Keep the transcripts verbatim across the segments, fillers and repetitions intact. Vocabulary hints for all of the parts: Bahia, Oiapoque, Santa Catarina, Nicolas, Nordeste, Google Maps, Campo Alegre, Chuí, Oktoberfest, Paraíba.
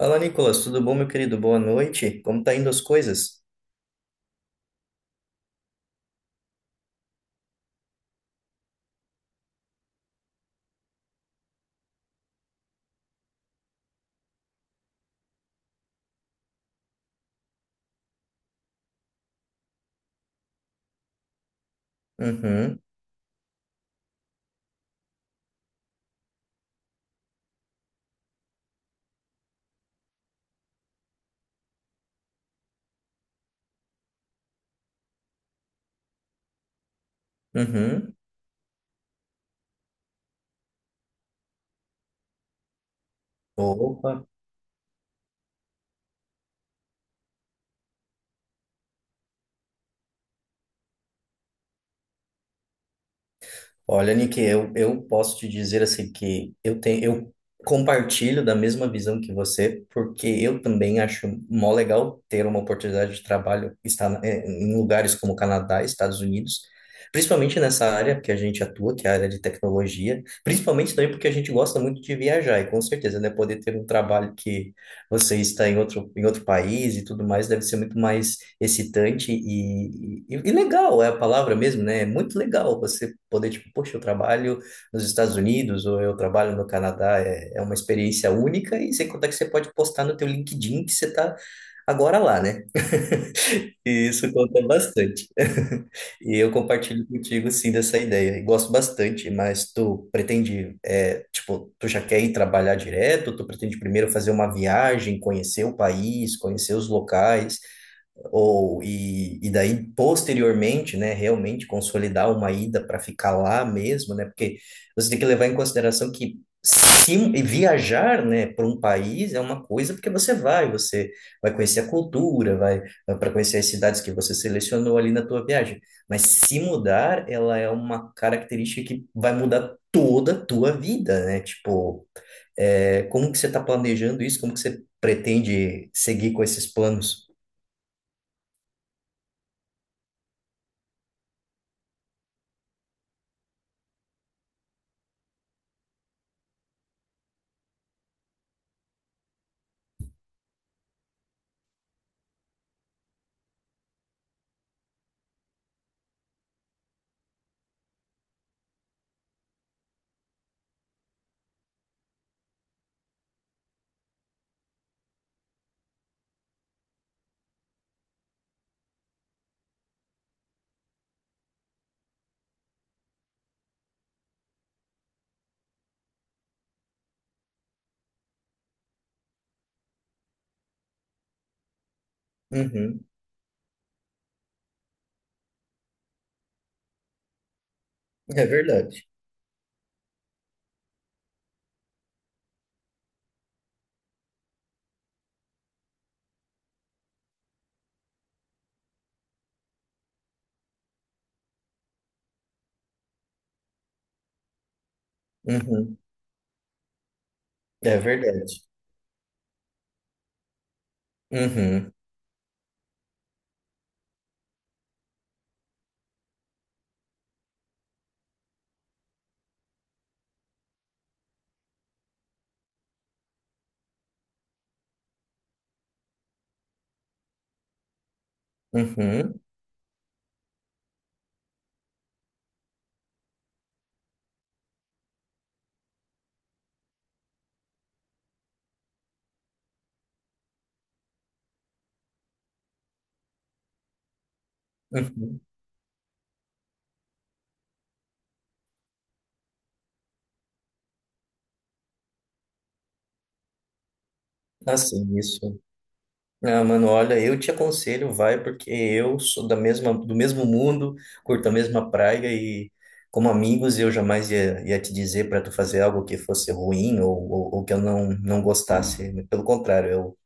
Fala, Nicolas, tudo bom, meu querido? Boa noite. Como tá indo as coisas? Uhum, uhum. Opa. Olha, Nick, eu, eu posso te dizer assim que eu tenho, eu compartilho da mesma visão que você, porque eu também acho mó legal ter uma oportunidade de trabalho estar na- eh, em lugares como Canadá, Estados Unidos, principalmente nessa área que a gente atua, que é a área de tecnologia, principalmente também porque a gente gosta muito de viajar e com certeza, né, poder ter um trabalho que você está em outro, em outro país e tudo mais, deve ser muito mais excitante e, e, e legal, é a palavra mesmo, né? É muito legal você poder, tipo, poxa, eu trabalho nos Estados Unidos ou eu trabalho no Canadá, é, é uma experiência única e sem contar que você pode postar no teu LinkedIn que você está agora lá, né? E isso conta bastante. E eu compartilho contigo, sim, dessa ideia. E gosto bastante, mas tu pretende, é, tipo, tu já quer ir trabalhar direto? Tu pretende primeiro fazer uma viagem, conhecer o país, conhecer os locais? Ou, e, e daí, posteriormente, né, realmente consolidar uma ida para ficar lá mesmo, né, porque você tem que levar em consideração que se, e viajar, né, para um país é uma coisa porque você vai, você vai conhecer a cultura, vai, para conhecer as cidades que você selecionou ali na tua viagem. Mas se mudar, ela é uma característica que vai mudar toda a tua vida, né, tipo, é, como que você está planejando isso? Como que você pretende seguir com esses planos? Uhum. É verdade. Uhum. É verdade. Uhum. Uhum. Uhum. Assim, isso. Ah, mano, olha, eu te aconselho, vai, porque eu sou da mesma, do mesmo mundo, curto a mesma praia e, como amigos, eu jamais ia, ia te dizer para tu fazer algo que fosse ruim ou, ou, ou que eu não, não gostasse. Pelo contrário, eu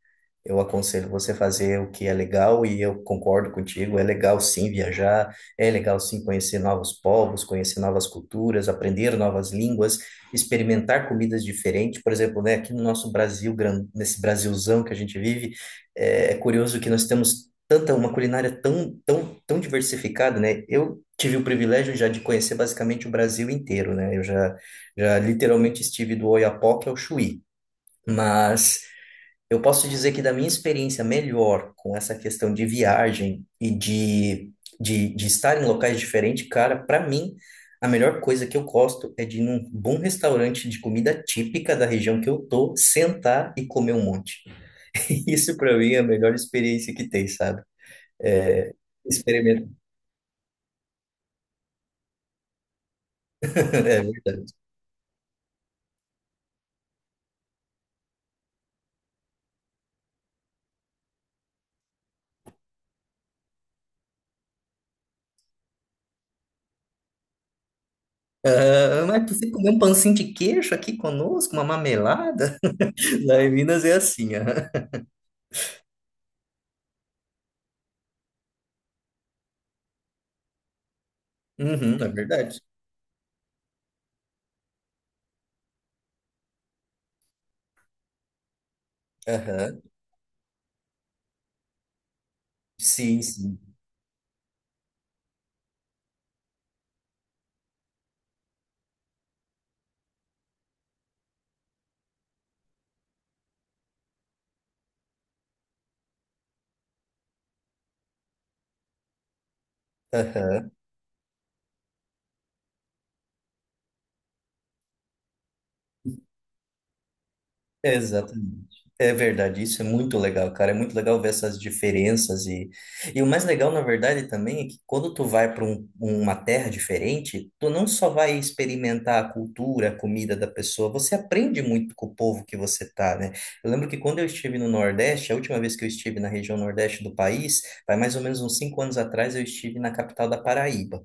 Eu aconselho você fazer o que é legal e eu concordo contigo. É legal sim viajar, é legal sim conhecer novos povos, conhecer novas culturas, aprender novas línguas, experimentar comidas diferentes. Por exemplo, né, aqui no nosso Brasil, gran- nesse Brasilzão que a gente vive, é, é curioso que nós temos tanta uma culinária tão, tão, tão diversificada, né? Eu tive o privilégio já de conhecer basicamente o Brasil inteiro, né? Eu já, já literalmente estive do Oiapoque ao Chuí, mas eu posso dizer que da minha experiência melhor com essa questão de viagem e de, de, de estar em locais diferentes, cara, para mim, a melhor coisa que eu gosto é de ir num bom restaurante de comida típica da região que eu tô, sentar e comer um monte. Isso para mim é a melhor experiência que tem, sabe? É, experimento. É verdade. Ah, mas você comeu um pãozinho de queijo aqui conosco, uma mamelada? Lá em Minas é assim, aham. Uhum, é verdade. Aham. Sim, sim. Aham, exatamente. É verdade, isso é muito legal, cara. É muito legal ver essas diferenças e, e o mais legal, na verdade, também é que quando tu vai para uma terra diferente, tu não só vai experimentar a cultura, a comida da pessoa, você aprende muito com o povo que você tá, né? Eu lembro que quando eu estive no Nordeste, a última vez que eu estive na região Nordeste do país, vai mais ou menos uns cinco anos atrás, eu estive na capital da Paraíba.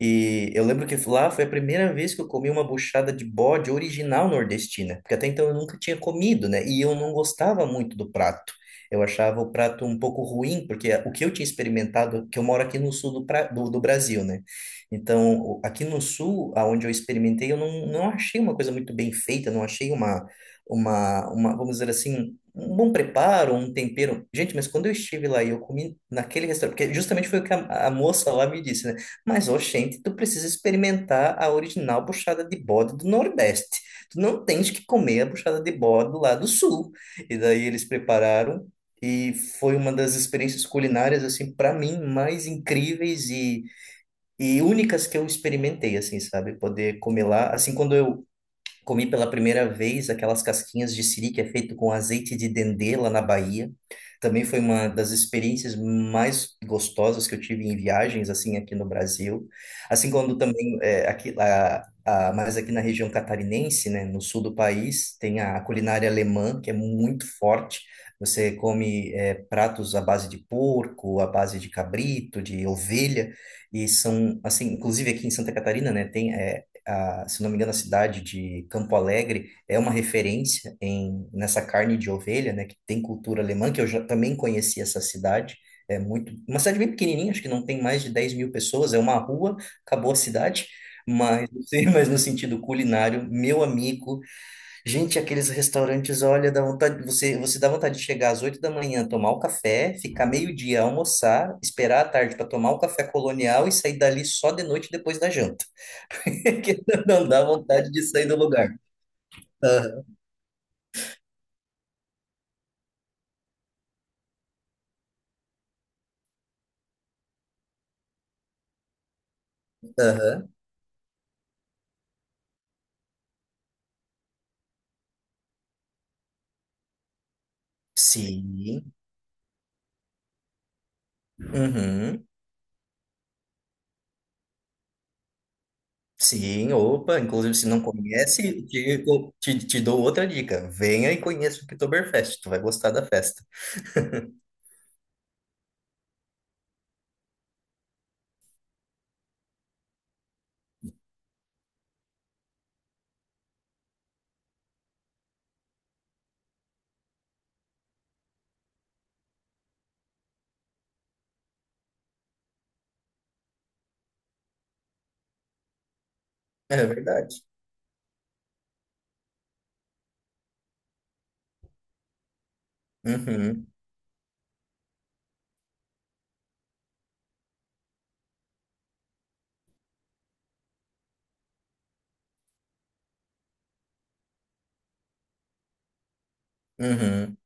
E eu lembro que lá foi a primeira vez que eu comi uma buchada de bode original nordestina, porque até então eu nunca tinha comido, né? E eu não gostava muito do prato. Eu achava o prato um pouco ruim, porque o que eu tinha experimentado, que eu moro aqui no sul do, pra- do, do Brasil, né? Então, o- aqui no sul, aonde eu experimentei, eu não, não achei uma coisa muito bem feita, não achei uma, uma, uma, vamos dizer assim, um bom preparo, um tempero. Gente, mas quando eu estive lá e eu comi naquele restaurante, porque justamente foi o que a, a moça lá me disse, né? Mas, oxente, tu precisa experimentar a original buchada de bode do Nordeste. Tu não tens que comer a buchada de bode lá do Sul. E daí eles prepararam e foi uma das experiências culinárias, assim, para mim, mais incríveis e, e únicas que eu experimentei, assim, sabe? Poder comer lá. Assim, quando eu comi pela primeira vez aquelas casquinhas de siri que é feito com azeite de dendê lá na Bahia. Também foi uma das experiências mais gostosas que eu tive em viagens, assim, aqui no Brasil. Assim quando também, é, aqui, a, a, mas aqui na região catarinense, né, no sul do país, tem a culinária alemã, que é muito forte. Você come, é, pratos à base de porco, à base de cabrito, de ovelha, e são, assim, inclusive aqui em Santa Catarina, né, tem, é, a- se não me engano, a cidade de Campo Alegre é uma referência em, nessa carne de ovelha, né, que tem cultura alemã, que eu já também conheci essa cidade. É muito, uma cidade bem pequenininha, acho que não tem mais de dez mil pessoas, é uma rua, acabou a cidade. Mas, não sei, mas no sentido culinário, meu amigo, gente, aqueles restaurantes, olha, dá vontade, você, você dá vontade de chegar às oito da manhã, tomar o café, ficar meio-dia, almoçar, esperar a tarde para tomar o café colonial e sair dali só de noite depois da janta. Que não dá vontade de sair do lugar. Aham, aham. Sim, uhum, sim, opa, inclusive se não conhece, te, te, te dou outra dica. Venha e conheça o Oktoberfest, tu vai gostar da festa. É verdade. Uhum, uhum.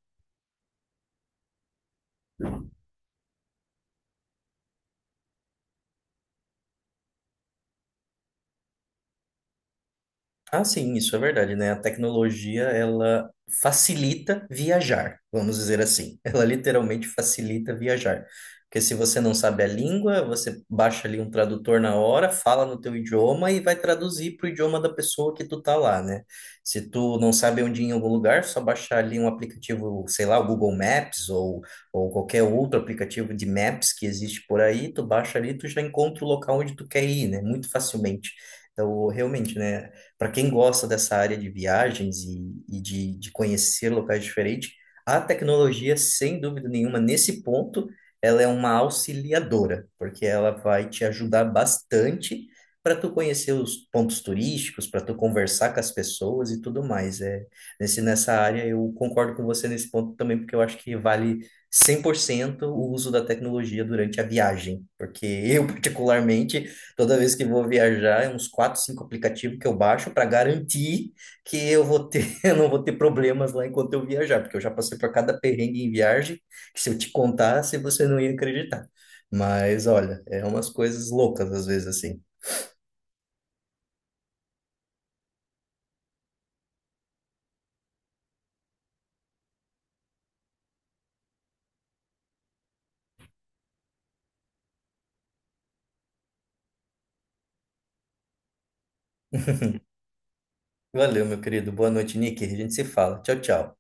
Ah, sim, isso é verdade, né? A tecnologia, ela facilita viajar, vamos dizer assim. Ela literalmente facilita viajar. Porque se você não sabe a língua, você baixa ali um tradutor na hora, fala no teu idioma e vai traduzir para o idioma da pessoa que tu tá lá, né? Se tu não sabe onde ir em algum lugar, só baixar ali um aplicativo, sei lá, o Google Maps ou, ou qualquer outro aplicativo de maps que existe por aí, tu baixa ali, tu já encontra o local onde tu quer ir, né? Muito facilmente. Então, realmente, né? Para quem gosta dessa área de viagens e, e de, de conhecer locais diferentes, a tecnologia, sem dúvida nenhuma, nesse ponto, ela é uma auxiliadora, porque ela vai te ajudar bastante para tu conhecer os pontos turísticos, para tu conversar com as pessoas e tudo mais. É, nesse, nessa área, eu concordo com você nesse ponto também, porque eu acho que vale cem por cento o uso da tecnologia durante a viagem, porque eu, particularmente, toda vez que vou viajar, é uns quatro, cinco aplicativos que eu baixo para garantir que eu vou ter, eu não vou ter problemas lá enquanto eu viajar, porque eu já passei por cada perrengue em viagem, que se eu te contasse, você não ia acreditar. Mas olha, é umas coisas loucas às vezes assim. Valeu, meu querido. Boa noite, Nick. A gente se fala. Tchau, tchau.